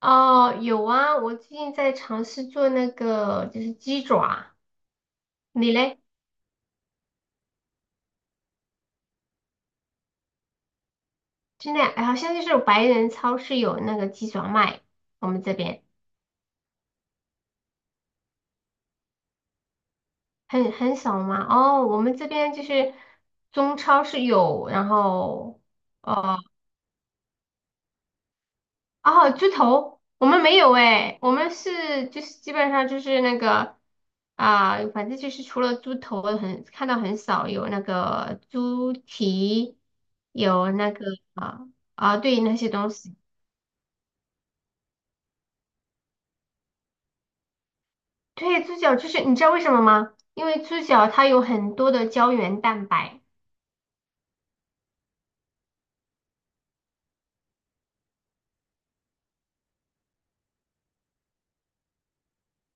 哦，有啊，我最近在尝试做那个就是鸡爪，你嘞？现在好像就是白人超市有那个鸡爪卖，我们这边很少嘛。哦，我们这边就是中超是有，然后。哦。哦，猪头，我们没有哎，我们是就是基本上就是那个啊、反正就是除了猪头很看到很少，有那个猪蹄，有那个啊啊、对那些东西。对，猪脚就是你知道为什么吗？因为猪脚它有很多的胶原蛋白，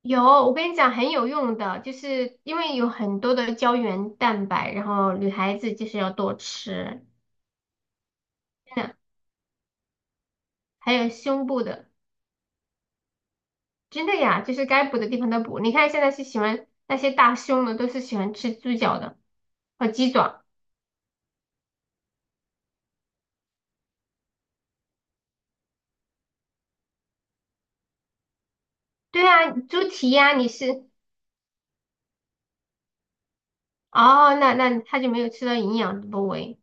有我跟你讲很有用的，就是因为有很多的胶原蛋白，然后女孩子就是要多吃，真的还有胸部的。真的呀，就是该补的地方都补。你看现在是喜欢那些大胸的，都是喜欢吃猪脚的和鸡爪。对啊，猪蹄呀、你是哦，那那他就没有吃到营养的部位。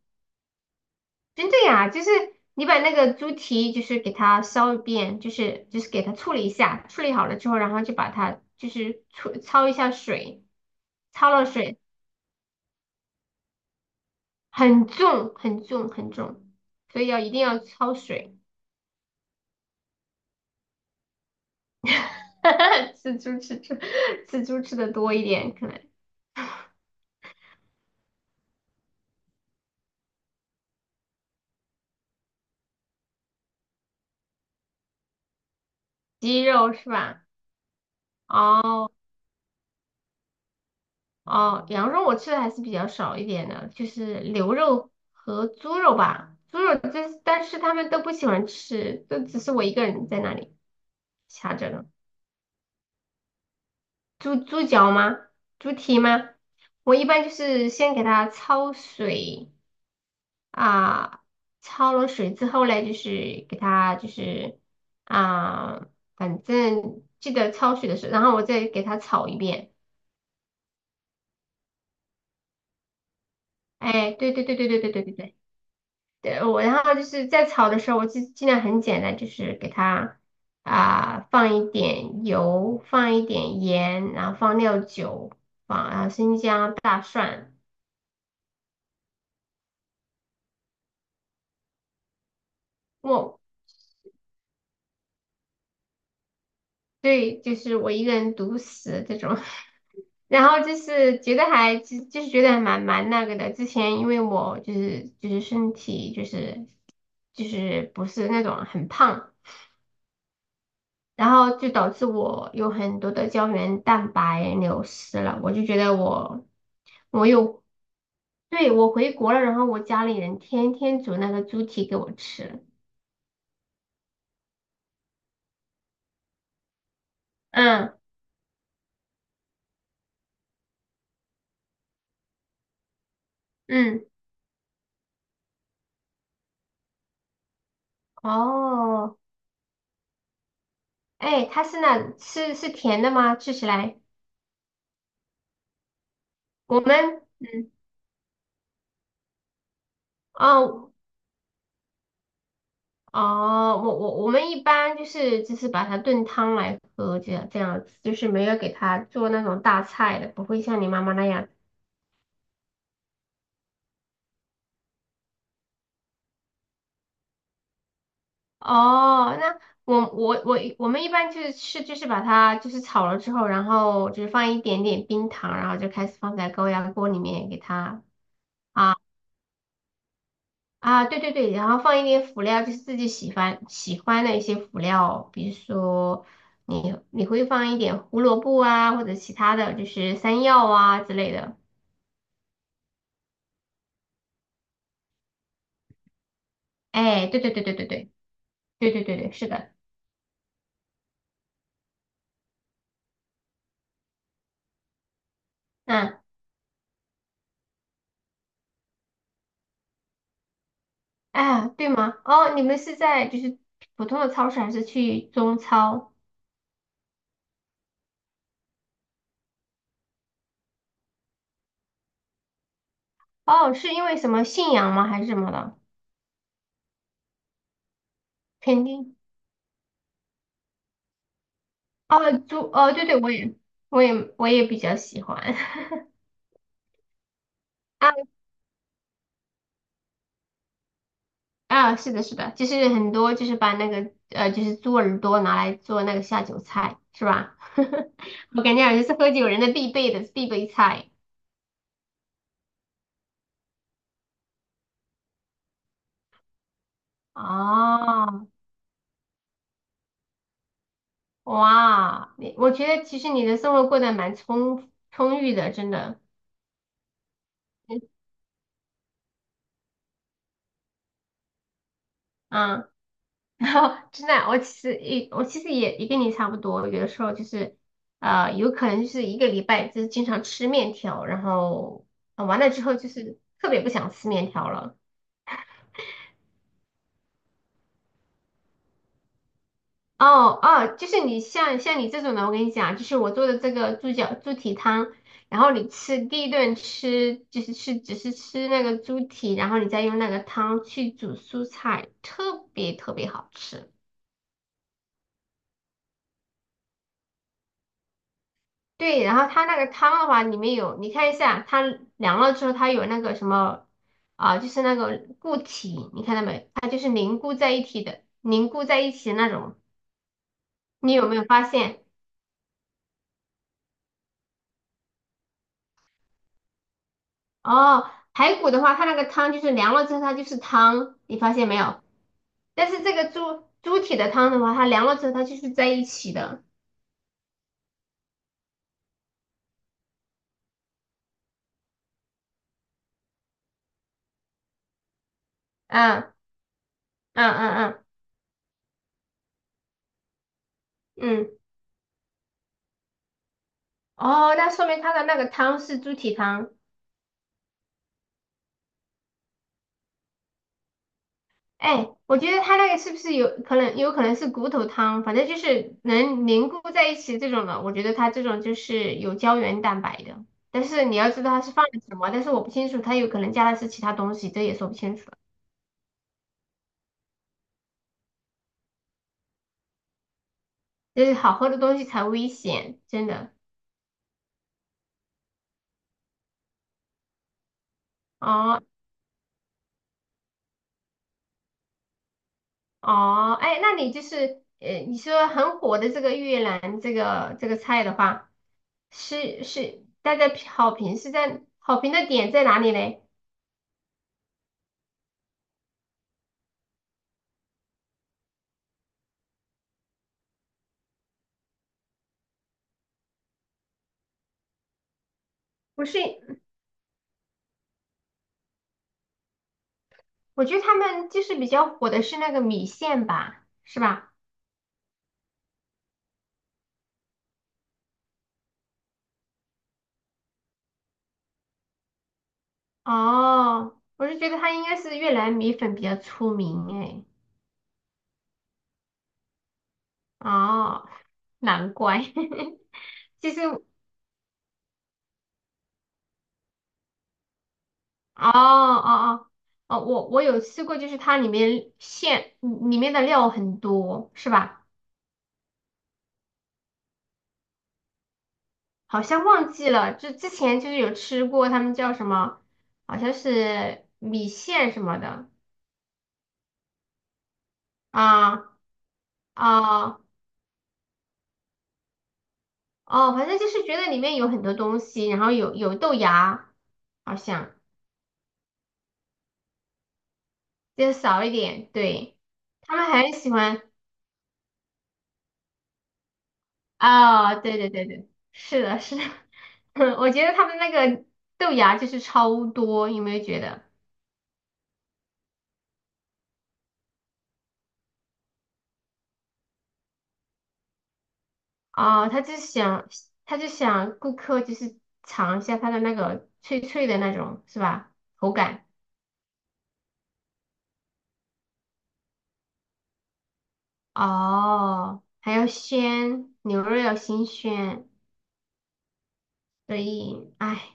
真的呀，就是你把那个猪蹄就是给它烧一遍，就是给它处理一下，处理好了之后，然后就把它就是焯一下水，焯了水很重很重很重，所以要一定要焯水。吃猪吃猪吃猪吃的多一点，可能。鸡肉是吧？哦哦，羊肉我吃的还是比较少一点的，就是牛肉和猪肉吧。猪肉这但是他们都不喜欢吃，都只是我一个人在那里掐着呢。猪猪脚吗？猪蹄吗？我一般就是先给它焯水啊，焯了水之后嘞，就是给它就是啊，反正记得焯水的时候，然后我再给它炒一遍。哎，对对对对对对对对对。对，我然后就是在炒的时候，我就尽量很简单，就是给它啊、放一点油，放一点盐，然后放料酒，放然后生姜、大蒜。我对，就是我一个人独食这种，然后就是觉得还就是觉得还蛮那个的。之前因为我就是身体就是就是不是那种很胖。然后就导致我有很多的胶原蛋白流失了，我就觉得我我有，对，我回国了，然后我家里人天天煮那个猪蹄给我吃，嗯嗯，哦，哎，它是那是是甜的吗？吃起来，我们嗯哦哦，我我们一般就是就是把它炖汤来喝，这样这样子，就是没有给它做那种大菜的，不会像你妈妈那样。哦，那我们一般就是是就是把它就是炒了之后，然后就是放一点点冰糖，然后就开始放在高压锅里面给它啊，对对对，然后放一点辅料，就是自己喜欢喜欢的一些辅料，比如说你会放一点胡萝卜啊，或者其他的就是山药啊之类的。哎，对对对对对对对对对对，是的，嗯，哎呀对吗？哦，你们是在就是普通的超市还是去中超？哦，是因为什么信仰吗？还是什么的？肯定。哦，猪，哦，对对，我也，我也，我也比较喜欢。啊啊，是的，是的，就是很多就是把那个就是猪耳朵拿来做那个下酒菜，是吧？我感觉好像是喝酒人的必备的必备菜。哦，哇，你我觉得其实你的生活过得蛮充裕的，真的。嗯。啊然后真的，我其实也也跟你差不多，有的时候就是有可能就是一个礼拜就是经常吃面条，然后、完了之后就是特别不想吃面条了。哦哦，就是你像你这种的，我跟你讲，就是我做的这个猪脚猪蹄汤，然后你吃第一顿吃就是吃只是吃那个猪蹄，然后你再用那个汤去煮蔬菜，特别特别好吃。对，然后它那个汤的话，里面有，你看一下，它凉了之后，它有那个什么啊，就是那个固体，你看到没？它就是凝固在一起的，凝固在一起的那种。你有没有发现？哦，排骨的话，它那个汤就是凉了之后，它就是汤，你发现没有？但是这个猪猪蹄的汤的话，它凉了之后，它就是在一起的。嗯嗯嗯嗯嗯，哦，那说明它的那个汤是猪蹄汤。哎，我觉得它那个是不是有可能，有可能是骨头汤，反正就是能凝固在一起这种的。我觉得它这种就是有胶原蛋白的，但是你要知道它是放了什么，但是我不清楚，它有可能加的是其他东西，这也说不清楚。就是好喝的东西才危险，真的。哦哦，哎，那你就是你说很火的这个越南这个这个菜的话，是是大家好评是在好评的点在哪里嘞？不是。我觉得他们就是比较火的是那个米线吧，是吧？哦，我是觉得他应该是越南米粉比较出名哎。哦，难怪。哦哦哦哦，我有吃过，就是它里面馅嗯里面的料很多，是吧？好像忘记了，就之前就是有吃过，他们叫什么？好像是米线什么的啊啊哦，反正就是觉得里面有很多东西，然后有豆芽，好像就少一点。对，他们很喜欢。哦，对对对对，是的，是的，我觉得他们那个豆芽就是超多，有没有觉得？哦，他就想，他就想顾客就是尝一下它的那个脆脆的那种，是吧？口感。哦，还要鲜，牛肉要新鲜，所以，哎。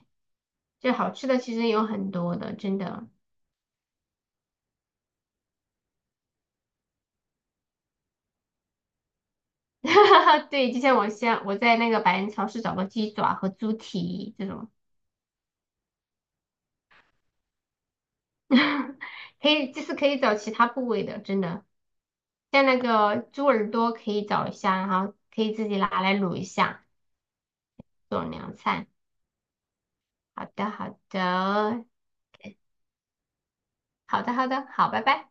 这好吃的其实有很多的，真的。对，就像我在那个百人超市找个鸡爪和猪蹄这种，可以就是可以找其他部位的，真的。像那个猪耳朵可以找一下，然后可以自己拿来卤一下，做凉菜。好的，好的，好的，好的，好，拜拜。